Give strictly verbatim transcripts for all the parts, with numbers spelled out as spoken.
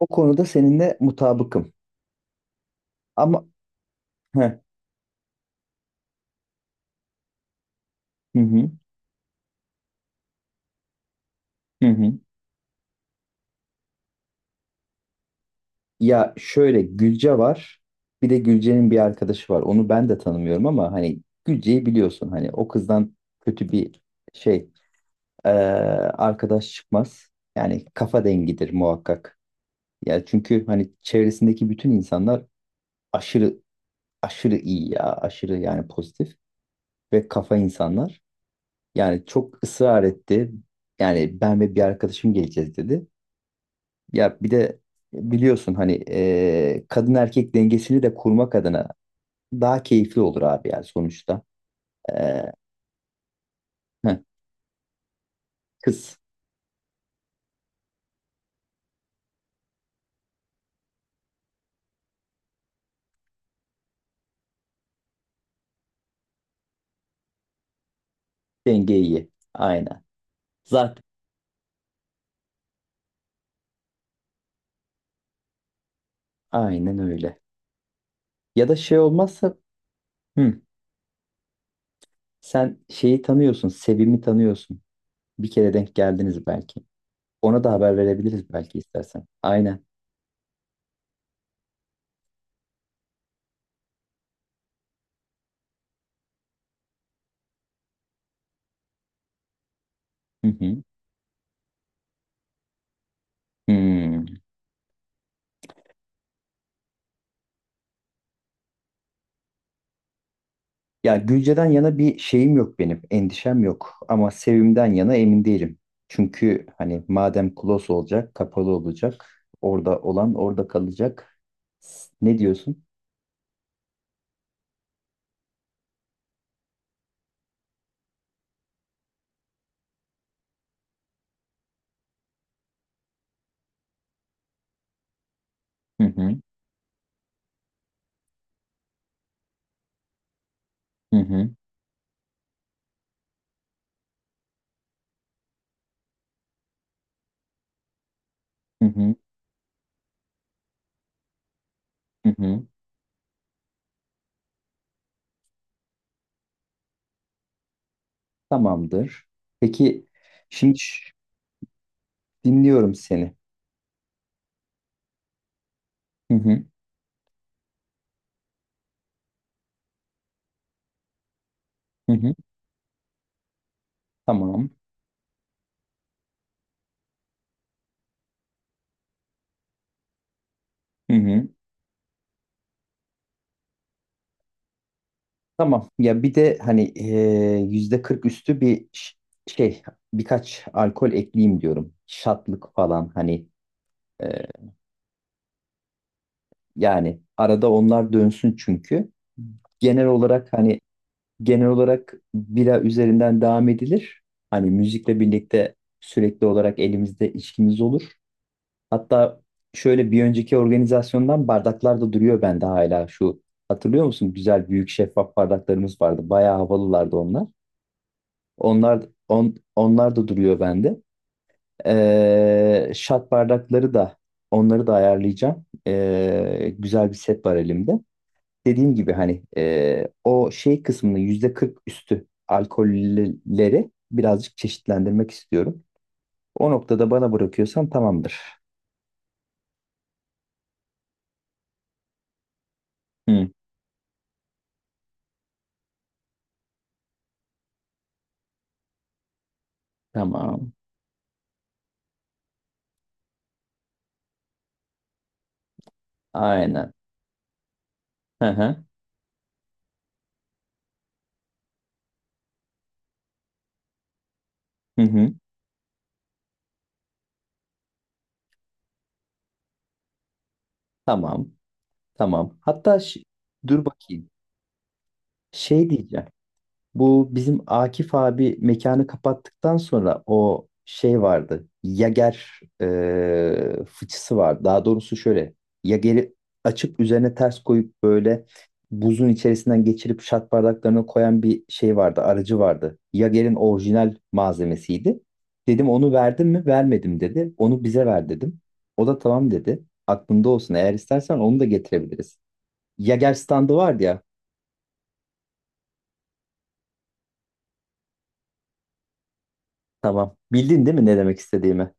O konuda seninle mutabıkım. Ama Heh, hı hı, hı hı. Ya şöyle Gülce var. Bir de Gülce'nin bir arkadaşı var. Onu ben de tanımıyorum ama hani Gülce'yi biliyorsun. Hani o kızdan kötü bir şey eee, arkadaş çıkmaz. Yani kafa dengidir muhakkak. Ya çünkü hani çevresindeki bütün insanlar aşırı aşırı iyi ya. Aşırı yani pozitif ve kafa insanlar. Yani çok ısrar etti. Yani ben ve bir arkadaşım geleceğiz dedi. Ya bir de biliyorsun hani e, kadın erkek dengesini de kurmak adına daha keyifli olur abi yani sonuçta. E, heh, Kız. Denge iyi. Aynen. Zaten aynen öyle. Ya da şey olmazsa hı, sen şeyi tanıyorsun, Sevim'i tanıyorsun. Bir kere denk geldiniz belki. Ona da haber verebiliriz belki istersen. Aynen. Hı hı. Hı. Ya Gülce'den yana bir şeyim yok benim, endişem yok. Ama Sevim'den yana emin değilim. Çünkü hani madem close olacak, kapalı olacak, orada olan orada kalacak. S- Ne diyorsun? Hı hı, hı hı, hı hı, hı hı. Tamamdır. Peki şimdi, ş- dinliyorum seni. Hı hı, hı hı. Tamam. Hı hı. Tamam. Ya bir de hani eee, yüzde kırk üstü bir ş- şey, birkaç alkol ekleyeyim diyorum. Şatlık falan hani. Yani arada onlar dönsün çünkü. Genel olarak hani genel olarak bira üzerinden devam edilir. Hani müzikle birlikte sürekli olarak elimizde içkimiz olur. Hatta şöyle bir önceki organizasyondan bardaklar da duruyor bende hala şu. Hatırlıyor musun? Güzel büyük şeffaf bardaklarımız vardı. Bayağı havalılardı onlar. Onlar on, onlar da duruyor bende. Ee, şat bardakları da onları da ayarlayacağım. Ee, güzel bir set var elimde, dediğim gibi hani e, o şey kısmını yüzde kırk üstü alkolleri birazcık çeşitlendirmek istiyorum. O noktada bana bırakıyorsan tamamdır. Hı, tamam. Aynen. Hı hı. Hı hı. Tamam. Tamam. Hatta ş- dur bakayım. Şey diyeceğim. Bu bizim Akif abi mekanı kapattıktan sonra o şey vardı. Yager e, fıçısı var. Daha doğrusu şöyle. Yager'i açıp üzerine ters koyup böyle buzun içerisinden geçirip şat bardaklarına koyan bir şey vardı. Aracı vardı. Yager'in orijinal malzemesiydi. Dedim onu verdin mi? Vermedim dedi. Onu bize ver dedim. O da tamam dedi. Aklında olsun. Eğer istersen onu da getirebiliriz. Yager standı vardı ya. Tamam. Bildin değil mi ne demek istediğimi?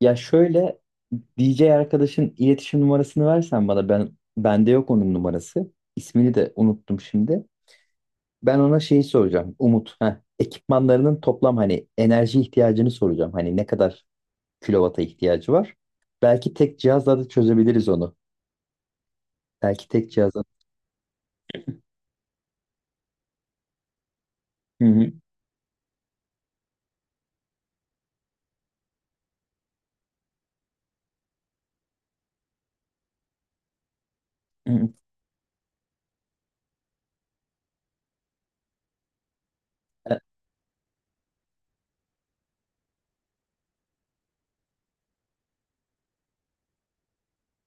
Ya şöyle, D J arkadaşın iletişim numarasını versen bana, ben bende yok onun numarası. İsmini de unuttum şimdi. Ben ona şeyi soracağım. Umut. Heh, ekipmanlarının toplam hani enerji ihtiyacını soracağım. Hani ne kadar kilovata ihtiyacı var? Belki tek cihazla da çözebiliriz onu. Belki tek cihazla. Hı hı, hı hı. E,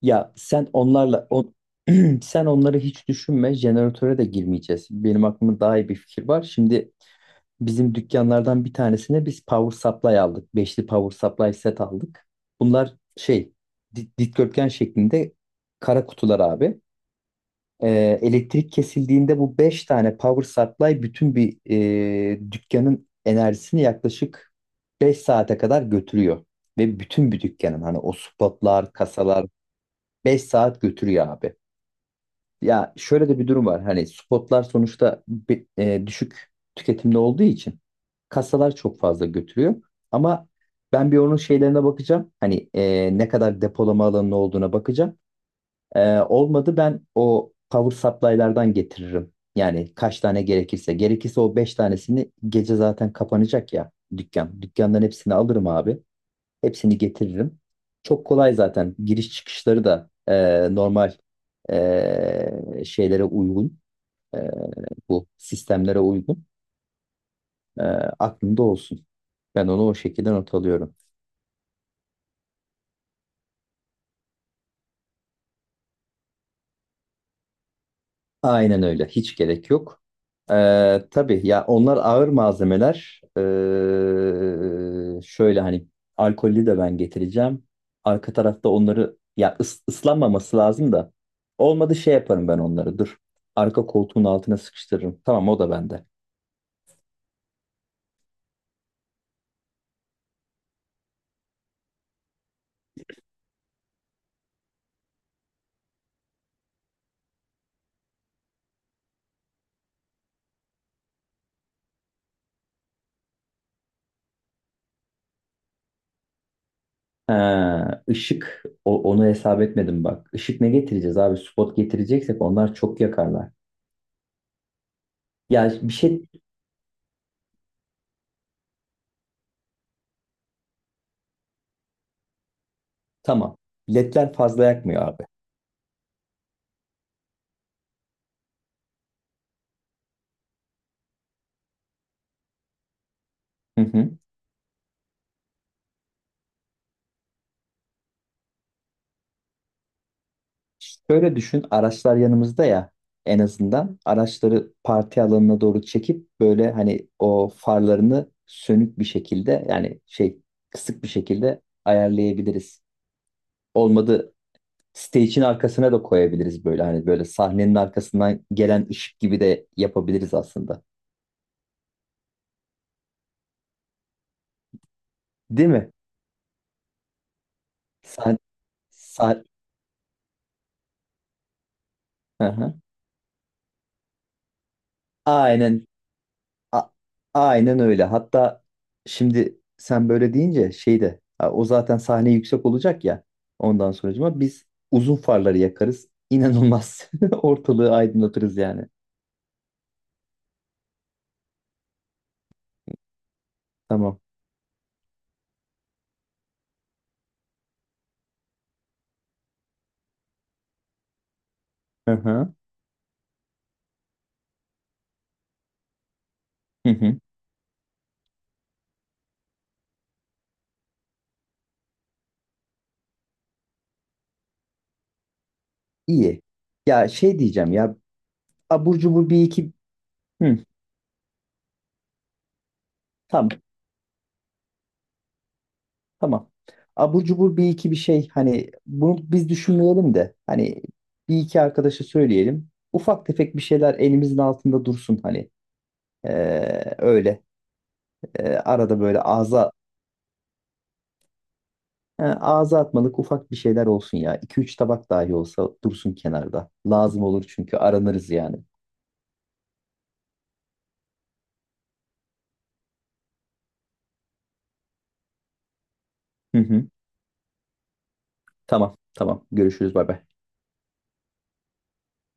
Ya sen onlarla on, sen onları hiç düşünme. Jeneratöre de girmeyeceğiz. Benim aklımda daha iyi bir fikir var. Şimdi bizim dükkanlardan bir tanesine biz power supply aldık. Beşli power supply set aldık. Bunlar şey di- dikdörtgen şeklinde kara kutular abi. Ee, elektrik kesildiğinde bu beş tane power supply bütün bir e, dükkanın enerjisini yaklaşık beş saate kadar götürüyor. Ve bütün bir dükkanın hani o spotlar, kasalar beş saat götürüyor abi. Ya şöyle de bir durum var. Hani spotlar sonuçta bi- e, düşük tüketimde olduğu için kasalar çok fazla götürüyor. Ama ben bir onun şeylerine bakacağım. Hani e, ne kadar depolama alanının olduğuna bakacağım. E, olmadı ben o power supply'lardan getiririm. Yani kaç tane gerekirse. Gerekirse o beş tanesini, gece zaten kapanacak ya dükkan. Dükkandan hepsini alırım abi. Hepsini getiririm. Çok kolay zaten. Giriş çıkışları da e, normal e, şeylere uygun. e, Bu sistemlere uygun. E, Aklında olsun. Ben onu o şekilde not alıyorum. Aynen öyle. Hiç gerek yok. Ee, tabii ya, onlar ağır malzemeler. Ee, şöyle hani alkollü de ben getireceğim. Arka tarafta onları ya ıs- ıslanmaması lazım da. Olmadı şey yaparım ben onları. Dur. Arka koltuğun altına sıkıştırırım. Tamam, o da bende. Ha, ışık, o, onu hesap etmedim bak. Işık ne getireceğiz abi? Spot getireceksek onlar çok yakarlar. Ya bir şey, tamam. L E D'ler fazla yakmıyor abi. Hı hı. Şöyle düşün, araçlar yanımızda ya, en azından araçları parti alanına doğru çekip böyle hani o farlarını sönük bir şekilde, yani şey, kısık bir şekilde ayarlayabiliriz. Olmadı stage'in arkasına da koyabiliriz, böyle hani böyle sahnenin arkasından gelen ışık gibi de yapabiliriz aslında. Değil mi? Sah sah Hı hı. Aynen A- aynen öyle. Hatta şimdi sen böyle deyince şey de ha, o zaten sahne yüksek olacak ya. Ondan sonracıma biz uzun farları yakarız. İnanılmaz. Ortalığı aydınlatırız yani. Tamam. Hı hı. Hı hı. İyi. Ya şey diyeceğim ya, abur cubur bir iki, hı, tamam, tamam. Abur cubur bir iki bir şey hani, bunu biz düşünmeyelim de hani bir iki arkadaşa söyleyelim. Ufak tefek bir şeyler elimizin altında dursun hani. Ee, öyle. E, arada böyle ağza he, ağza atmalık ufak bir şeyler olsun ya. İki üç tabak dahi olsa dursun kenarda. Lazım olur çünkü aranırız yani. Hı hı. Tamam, tamam. Görüşürüz. Bay bay.